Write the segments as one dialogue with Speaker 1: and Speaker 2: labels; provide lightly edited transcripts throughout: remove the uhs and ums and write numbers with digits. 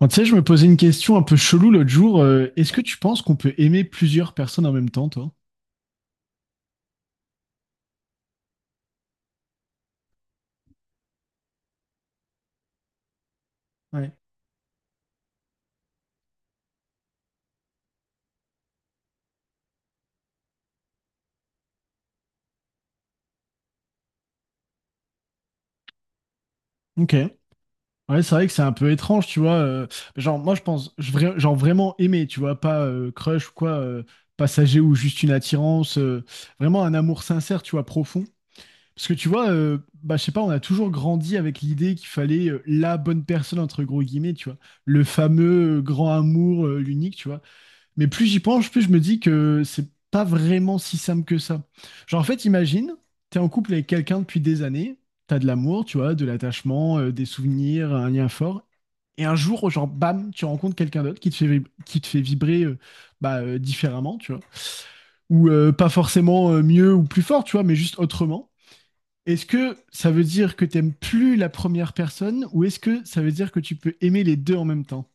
Speaker 1: Bon, tu sais, je me posais une question un peu chelou l'autre jour. Est-ce que tu penses qu'on peut aimer plusieurs personnes en même temps, toi? Ouais. Ok. Ouais, c'est vrai que c'est un peu étrange, tu vois. Genre, moi, je pense, je vra- genre vraiment aimer, tu vois, pas crush ou quoi, passager ou juste une attirance, vraiment un amour sincère, tu vois, profond. Parce que tu vois, bah, je sais pas, on a toujours grandi avec l'idée qu'il fallait la bonne personne, entre gros guillemets, tu vois. Le fameux grand amour, l'unique, tu vois. Mais plus j'y penche, plus je me dis que c'est pas vraiment si simple que ça. Genre, en fait, imagine, t'es en couple avec quelqu'un depuis des années, t'as de l'amour, tu vois, de l'attachement, des souvenirs, un lien fort. Et un jour, genre, bam, tu rencontres quelqu'un d'autre qui te qui te fait vibrer bah, différemment, tu vois. Ou pas forcément mieux ou plus fort, tu vois, mais juste autrement. Est-ce que ça veut dire que t'aimes plus la première personne ou est-ce que ça veut dire que tu peux aimer les deux en même temps?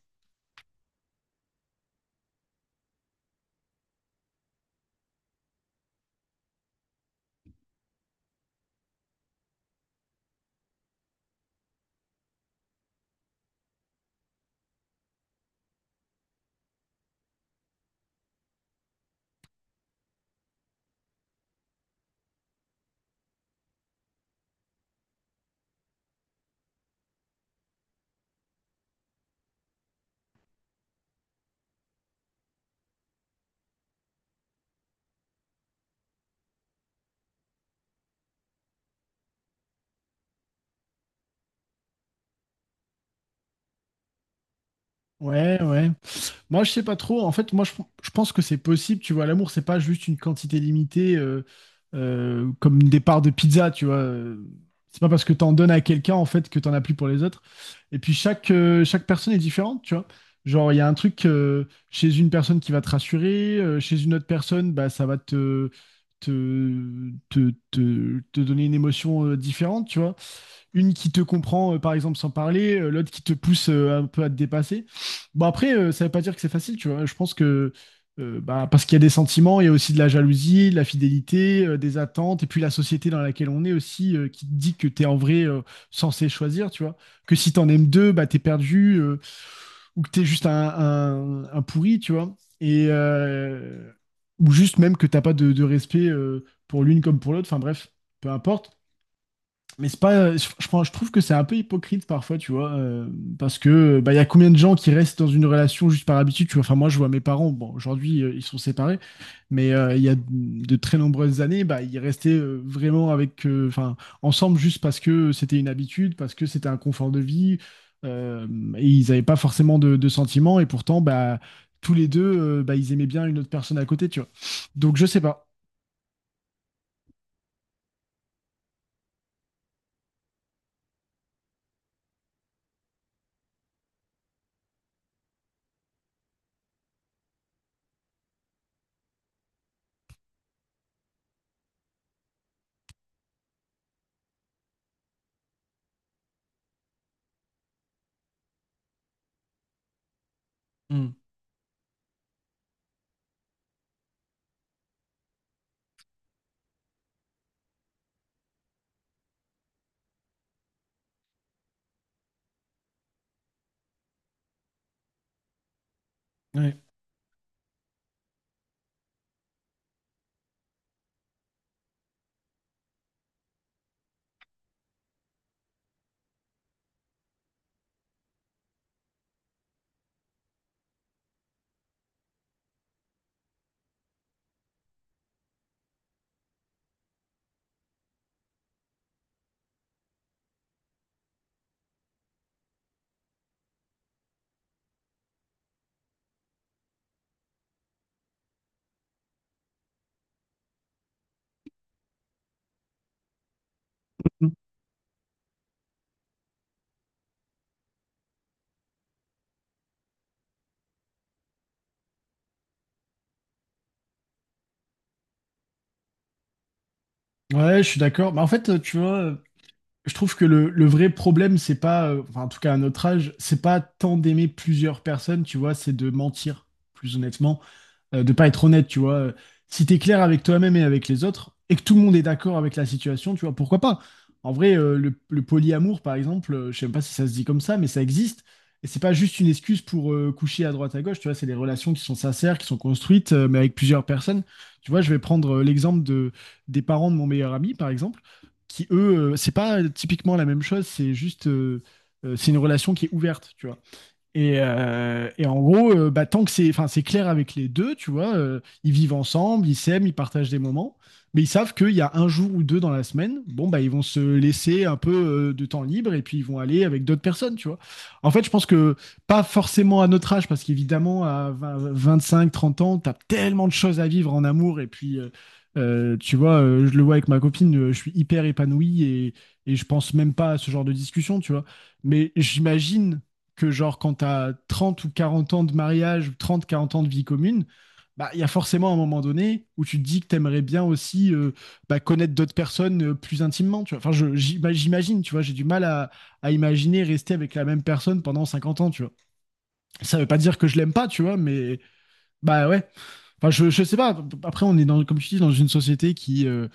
Speaker 1: Ouais, ouais. Moi, je sais pas trop. En fait, je pense que c'est possible. Tu vois, l'amour, c'est pas juste une quantité limitée comme des parts de pizza. Tu vois, c'est pas parce que t'en donnes à quelqu'un en fait que t'en as plus pour les autres. Et puis chaque personne est différente. Tu vois, genre il y a un truc chez une personne qui va te rassurer, chez une autre personne, bah ça va te donner une émotion différente. Tu vois une qui te comprend, par exemple, sans parler, l'autre qui te pousse un peu à te dépasser. Bon, après, ça veut pas dire que c'est facile, tu vois. Bah, parce qu'il y a des sentiments, il y a aussi de la jalousie, de la fidélité, des attentes, et puis la société dans laquelle on est aussi, qui te dit que t'es en vrai censé choisir, tu vois. Que si t'en aimes deux, bah, t'es perdu, ou que t'es juste un pourri, tu vois. Et, ou juste même que t'as pas de respect pour l'une comme pour l'autre, enfin bref, peu importe. Mais c'est pas, je trouve que c'est un peu hypocrite parfois, tu vois, parce que bah, il y a combien de gens qui restent dans une relation juste par habitude, tu vois. Enfin, moi, je vois mes parents, bon, aujourd'hui, ils sont séparés, mais il y a de très nombreuses années, bah, ils restaient vraiment avec, enfin, ensemble juste parce que c'était une habitude, parce que c'était un confort de vie, euh, et ils n'avaient pas forcément de sentiments, et pourtant, bah, tous les deux, bah, ils aimaient bien une autre personne à côté, tu vois. Donc, je sais pas. Hmm. Ouais. Hmm. Ouais, je suis d'accord. Mais en fait, tu vois, je trouve que le vrai problème, c'est pas, enfin, en tout cas à notre âge, c'est pas tant d'aimer plusieurs personnes, tu vois, c'est de mentir, plus honnêtement. De pas être honnête, tu vois. Si t'es clair avec toi-même et avec les autres, et que tout le monde est d'accord avec la situation, tu vois, pourquoi pas? En vrai, le polyamour, par exemple, je sais même pas si ça se dit comme ça, mais ça existe. Et c'est pas juste une excuse pour coucher à droite à gauche, tu vois, c'est des relations qui sont sincères, qui sont construites, mais avec plusieurs personnes. Tu vois, je vais prendre des parents de mon meilleur ami, par exemple, qui eux, c'est pas typiquement la même chose, c'est juste, c'est une relation qui est ouverte, tu vois. Et en gros, bah, tant que c'est, enfin, c'est clair avec les deux, tu vois, ils vivent ensemble, ils s'aiment, ils partagent des moments, mais ils savent qu'il y a un jour ou deux dans la semaine, bon, bah, ils vont se laisser un peu de temps libre et puis ils vont aller avec d'autres personnes, tu vois. En fait, je pense que pas forcément à notre âge, parce qu'évidemment, à vingt, vingt-cinq, trente ans, t'as tellement de choses à vivre en amour et puis. Tu vois, je le vois avec ma copine, je suis hyper épanoui et je pense même pas à ce genre de discussion, tu vois. Mais j'imagine que genre quand t'as 30 ou 40 ans de mariage, ou 30, 40 ans de vie commune, bah il y a forcément un moment donné où tu te dis que t'aimerais bien aussi bah, connaître d'autres personnes plus intimement, tu vois. Enfin, j'imagine, tu vois, j'ai du mal à imaginer rester avec la même personne pendant 50 ans, tu vois. Ça veut pas dire que je l'aime pas, tu vois, mais bah ouais. Enfin, je sais pas. Après, on est dans, comme tu dis, dans une société qui, euh,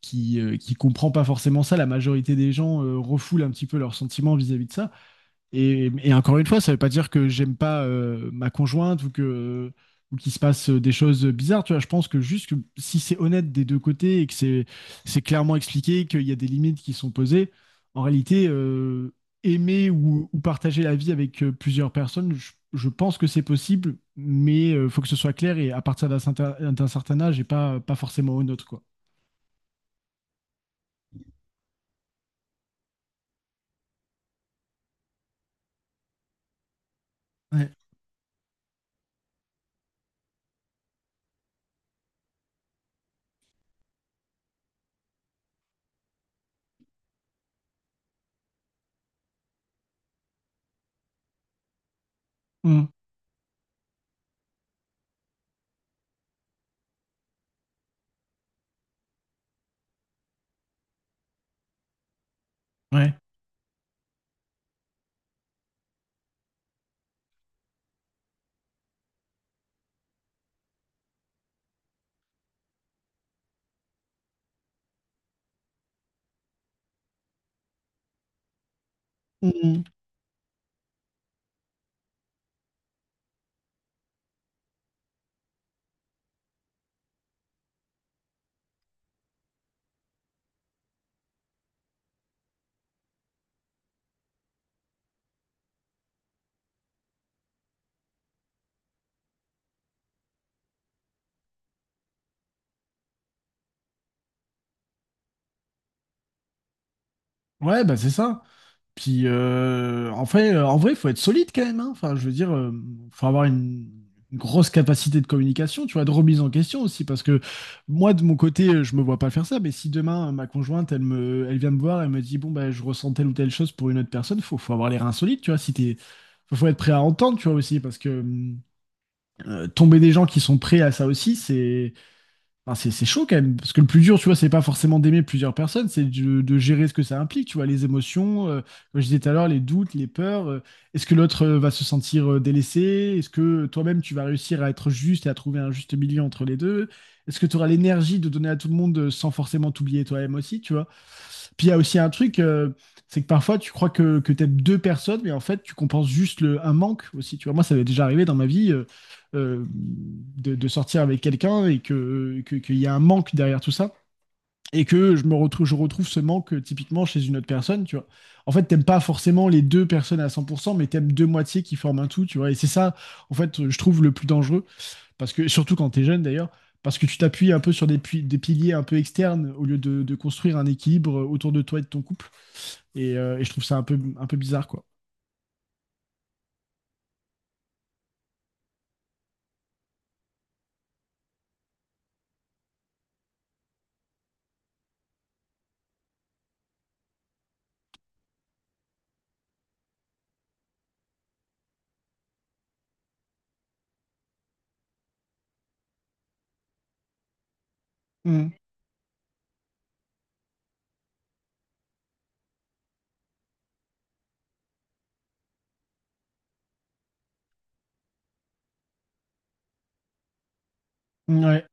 Speaker 1: qui, euh, qui comprend pas forcément ça. La majorité des gens refoulent un petit peu leurs sentiments vis-à-vis de ça. Et encore une fois, ça ne veut pas dire que j'aime pas ma conjointe ou que ou qu'il se passe des choses bizarres. Tu vois, je pense que juste que si c'est honnête des deux côtés et que c'est clairement expliqué, qu'il y a des limites qui sont posées, en réalité, aimer ou partager la vie avec plusieurs personnes, je pense que c'est possible, mais faut que ce soit clair et à partir d'un certain âge et pas pas forcément au nôtre, quoi. Ouais. Mm. Ouais. Mm. Ouais, bah c'est ça. Puis en vrai, faut être solide quand même, hein. Enfin, je veux dire, faut avoir une grosse capacité de communication, tu vois, de remise en question aussi, parce que moi, de mon côté, je me vois pas faire ça. Mais si demain ma conjointe, elle vient me voir, elle me dit, bon bah, je ressens telle ou telle chose pour une autre personne, faut, faut avoir les reins solides, tu vois. Si t'es, faut, faut être prêt à entendre, tu vois aussi, parce que tomber des gens qui sont prêts à ça aussi, c'est enfin, c'est chaud quand même, parce que le plus dur, tu vois, c'est pas forcément d'aimer plusieurs personnes, c'est de gérer ce que ça implique, tu vois, les émotions, comme je disais tout à l'heure, les doutes, les peurs. Est-ce que l'autre va se sentir délaissé? Est-ce que toi-même, tu vas réussir à être juste et à trouver un juste milieu entre les deux? Est-ce que tu auras l'énergie de donner à tout le monde sans forcément t'oublier toi-même aussi, tu vois? Puis il y a aussi un truc, c'est que parfois tu crois que tu aimes deux personnes, mais en fait tu compenses juste un manque aussi. Tu vois, moi ça m'est déjà arrivé dans ma vie euh, de sortir avec quelqu'un qu'il y a un manque derrière tout ça. Et que je retrouve ce manque typiquement chez une autre personne, tu vois. En fait, t'aimes pas forcément les deux personnes à 100%, mais t'aimes deux moitiés qui forment un tout, tu vois. Et c'est ça, en fait, je trouve le plus dangereux, parce que surtout quand t'es jeune d'ailleurs, parce que tu t'appuies un peu sur des piliers un peu externes au lieu de construire un équilibre autour de toi et de ton couple. Et je trouve ça un peu bizarre, quoi. Mm. Ouais.